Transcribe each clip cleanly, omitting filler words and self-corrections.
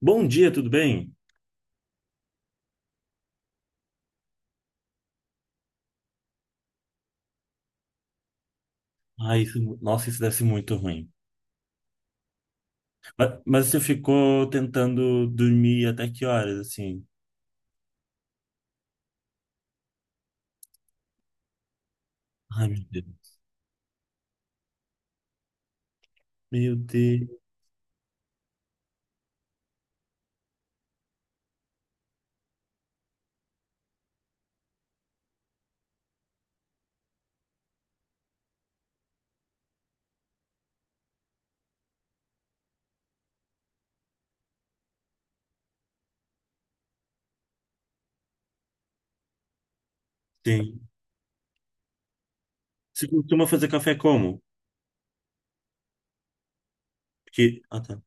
Bom dia, tudo bem? Ah, isso, nossa, isso deve ser muito ruim. Mas você ficou tentando dormir até que horas, assim? Ai, meu Deus. Meu Deus. Sim. Você costuma fazer café como? Porque, ah, tá.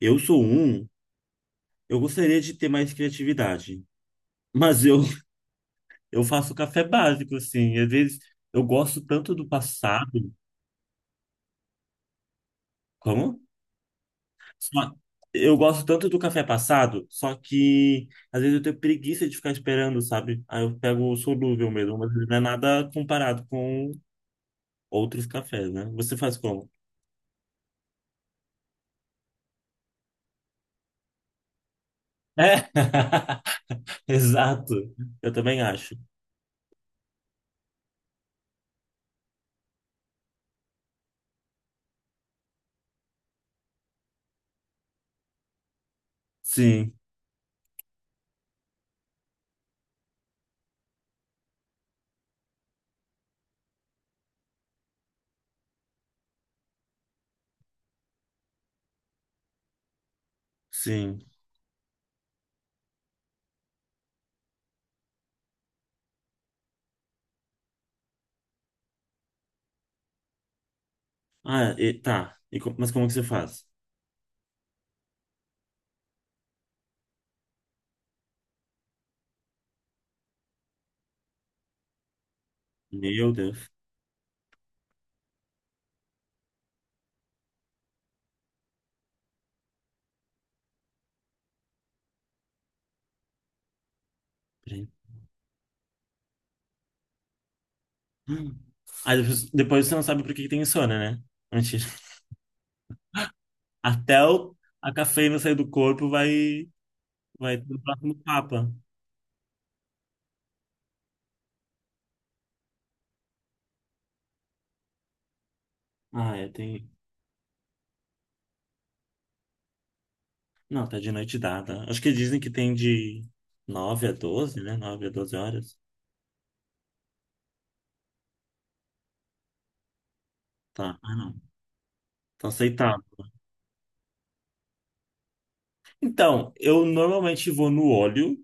Eu sou um, eu gostaria de ter mais criatividade. Mas eu, eu faço café básico, assim. Às vezes eu gosto tanto do passado. Como? Só- Eu gosto tanto do café passado, só que às vezes eu tenho preguiça de ficar esperando, sabe? Aí eu pego o solúvel mesmo, mas ele não é nada comparado com outros cafés, né? Você faz como? É, exato. Eu também acho. Sim, sim. Ah, tá. E mas como que você faz? Meu Deus. Peraí. Hum. Aí depois, você não sabe por que que tem insônia, né? Mentira. Até o, a cafeína sair do corpo vai ter o próximo papa. Ah, é, tem. Não, tá de noite dada. Acho que dizem que tem de 9 a 12, né? 9 a 12 horas. Tá, ah, não. Tá aceitável. Então, eu normalmente vou no óleo,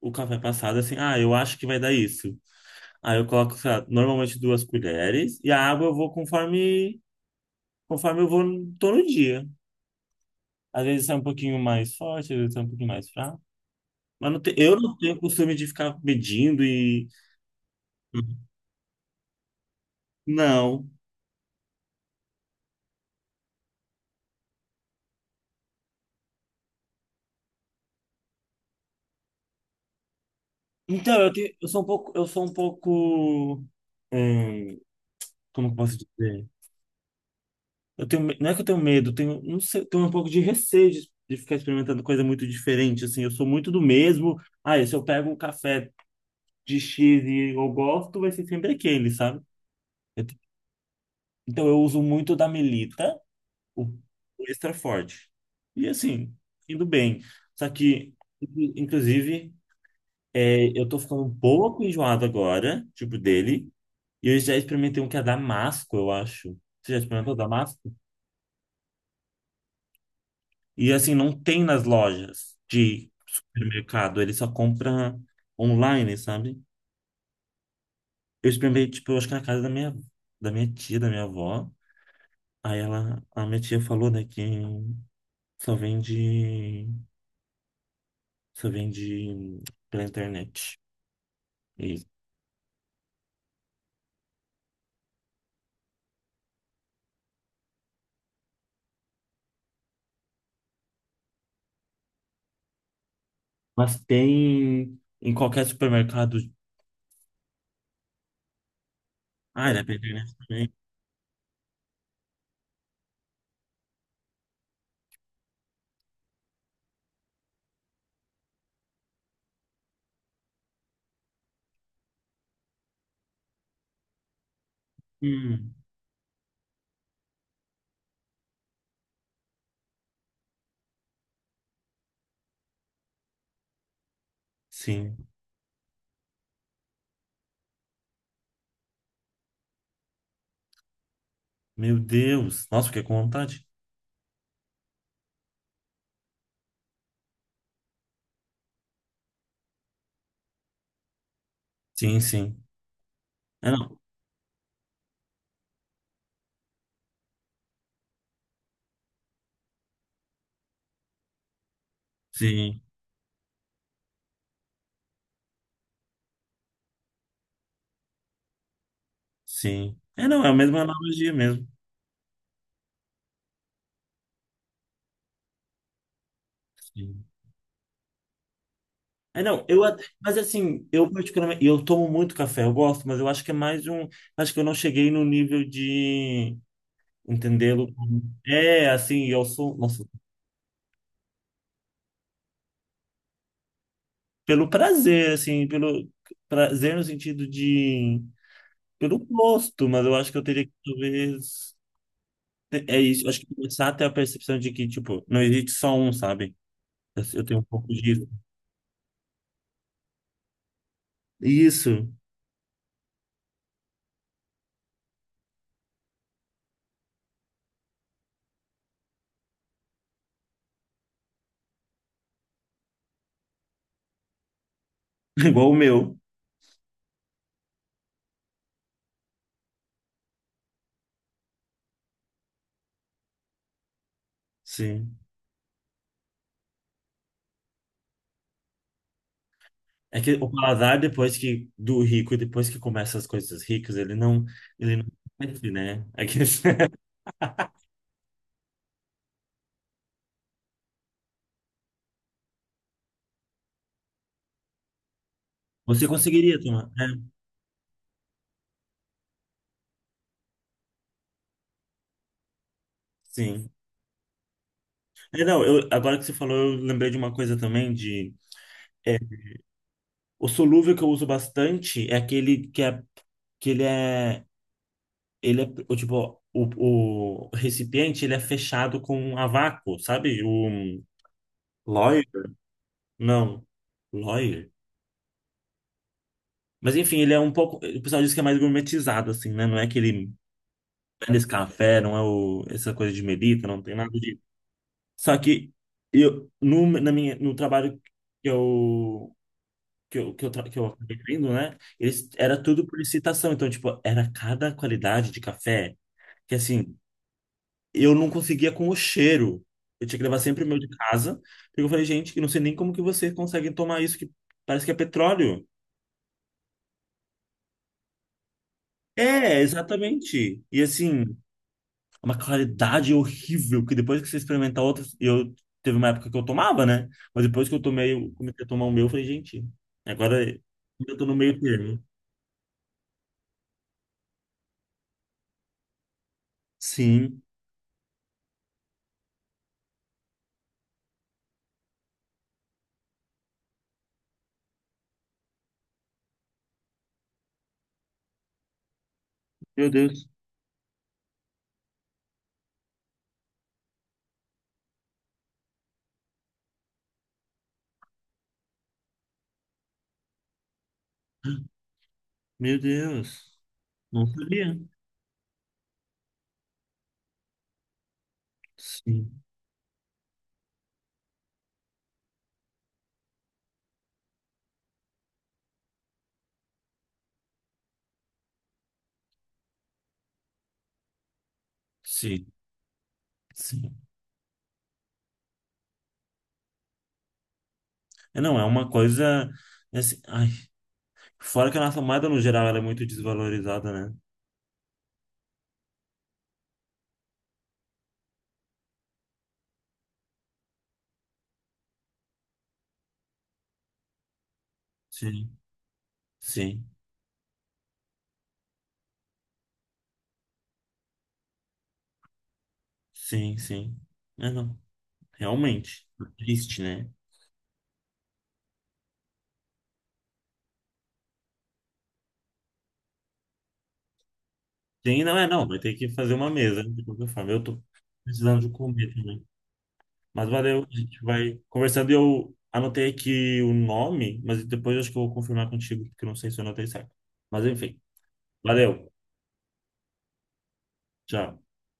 o café passado, assim, ah, eu acho que vai dar isso. Aí eu coloco, sei lá, normalmente duas colheres, e a água eu vou conforme eu vou todo dia. Às vezes sai um pouquinho mais forte, às vezes sai um pouquinho mais fraco. Mas eu não tenho costume de ficar medindo e. Não. Então, eu sou um pouco, eu sou um pouco é, como eu posso dizer? Não é que eu tenho medo, eu tenho, não sei, eu tenho um pouco de receio de ficar experimentando coisa muito diferente, assim, eu sou muito do mesmo. Ah, se eu pego um café de X e eu gosto, vai ser sempre aquele, sabe? Eu te- então eu uso muito da Melita, o extra forte. E assim, indo bem. Só que, inclusive, é, eu tô ficando um pouco enjoado agora, tipo, dele. E eu já experimentei um que é Damasco, eu acho. Você já experimentou Damasco? E assim, não tem nas lojas de supermercado, ele só compra online, sabe? Eu experimentei, tipo, eu acho que na casa da minha tia, da minha avó. Aí ela, a minha tia falou, né, que só vende, só vende pela internet. Isso. Mas tem em qualquer supermercado. Ah, ele é pela internet também. Hum, sim. Meu Deus. Nossa, fiquei com vontade. Sim, sim. É, não. Sim, sim. É, não, é a mesma analogia mesmo. Sim. É, não, mas assim, eu particularmente, eu tomo muito café, eu gosto, mas eu acho que é mais um, acho que eu não cheguei no nível de entendê-lo. Como- É, assim, eu sou, nossa, pelo prazer, assim, pelo prazer no sentido de, pelo gosto, mas eu acho que eu teria que talvez, é isso, eu acho que começar a ter a percepção de que, tipo, não existe só um, sabe? Eu tenho um pouco disso. Isso, igual o meu, sim. É que o paladar, depois que do rico, depois que começa as coisas ricas, ele não conhece, né? É que- você conseguiria tomar, né? Sim. É, não, eu, agora que você falou, eu lembrei de uma coisa também de o solúvel que eu uso bastante é aquele que é que ele é o tipo o recipiente ele é fechado com a vácuo, sabe? O Lawyer? Não, Lawyer. Mas enfim, ele é um pouco, o pessoal diz que é mais gourmetizado assim, né? Não é aquele esse café, não é o, essa coisa de medita não tem nada de. Só que eu no, na minha, no trabalho que eu que eu acabei tendo, né? Eles, era tudo por licitação, então tipo, era cada qualidade de café que assim, eu não conseguia com o cheiro. Eu tinha que levar sempre o meu de casa, porque eu falei, gente, eu não sei nem como que vocês conseguem tomar isso que parece que é petróleo. É, exatamente. E assim, uma claridade horrível que depois que você experimentar outras, eu teve uma época que eu tomava, né? Mas depois que eu tomei, eu comecei a tomar o meu, eu falei, gente, agora eu tô no meio termo. Sim. Meu Deus. Meu Deus. Não sabia. Sim. Sim. Sim. É, não, é uma coisa é assim, ai, fora que a nossa moeda no geral ela é muito desvalorizada, né? Sim. Sim. Sim, sim. É, não. Realmente. Tá triste, né? Sim, não é, não. Vai ter que fazer uma mesa, de qualquer forma. Eu tô precisando de comer também. Mas valeu, a gente vai conversando. Eu anotei aqui o nome, mas depois acho que eu vou confirmar contigo, porque eu não sei se eu anotei certo. Mas enfim, valeu. Tchau.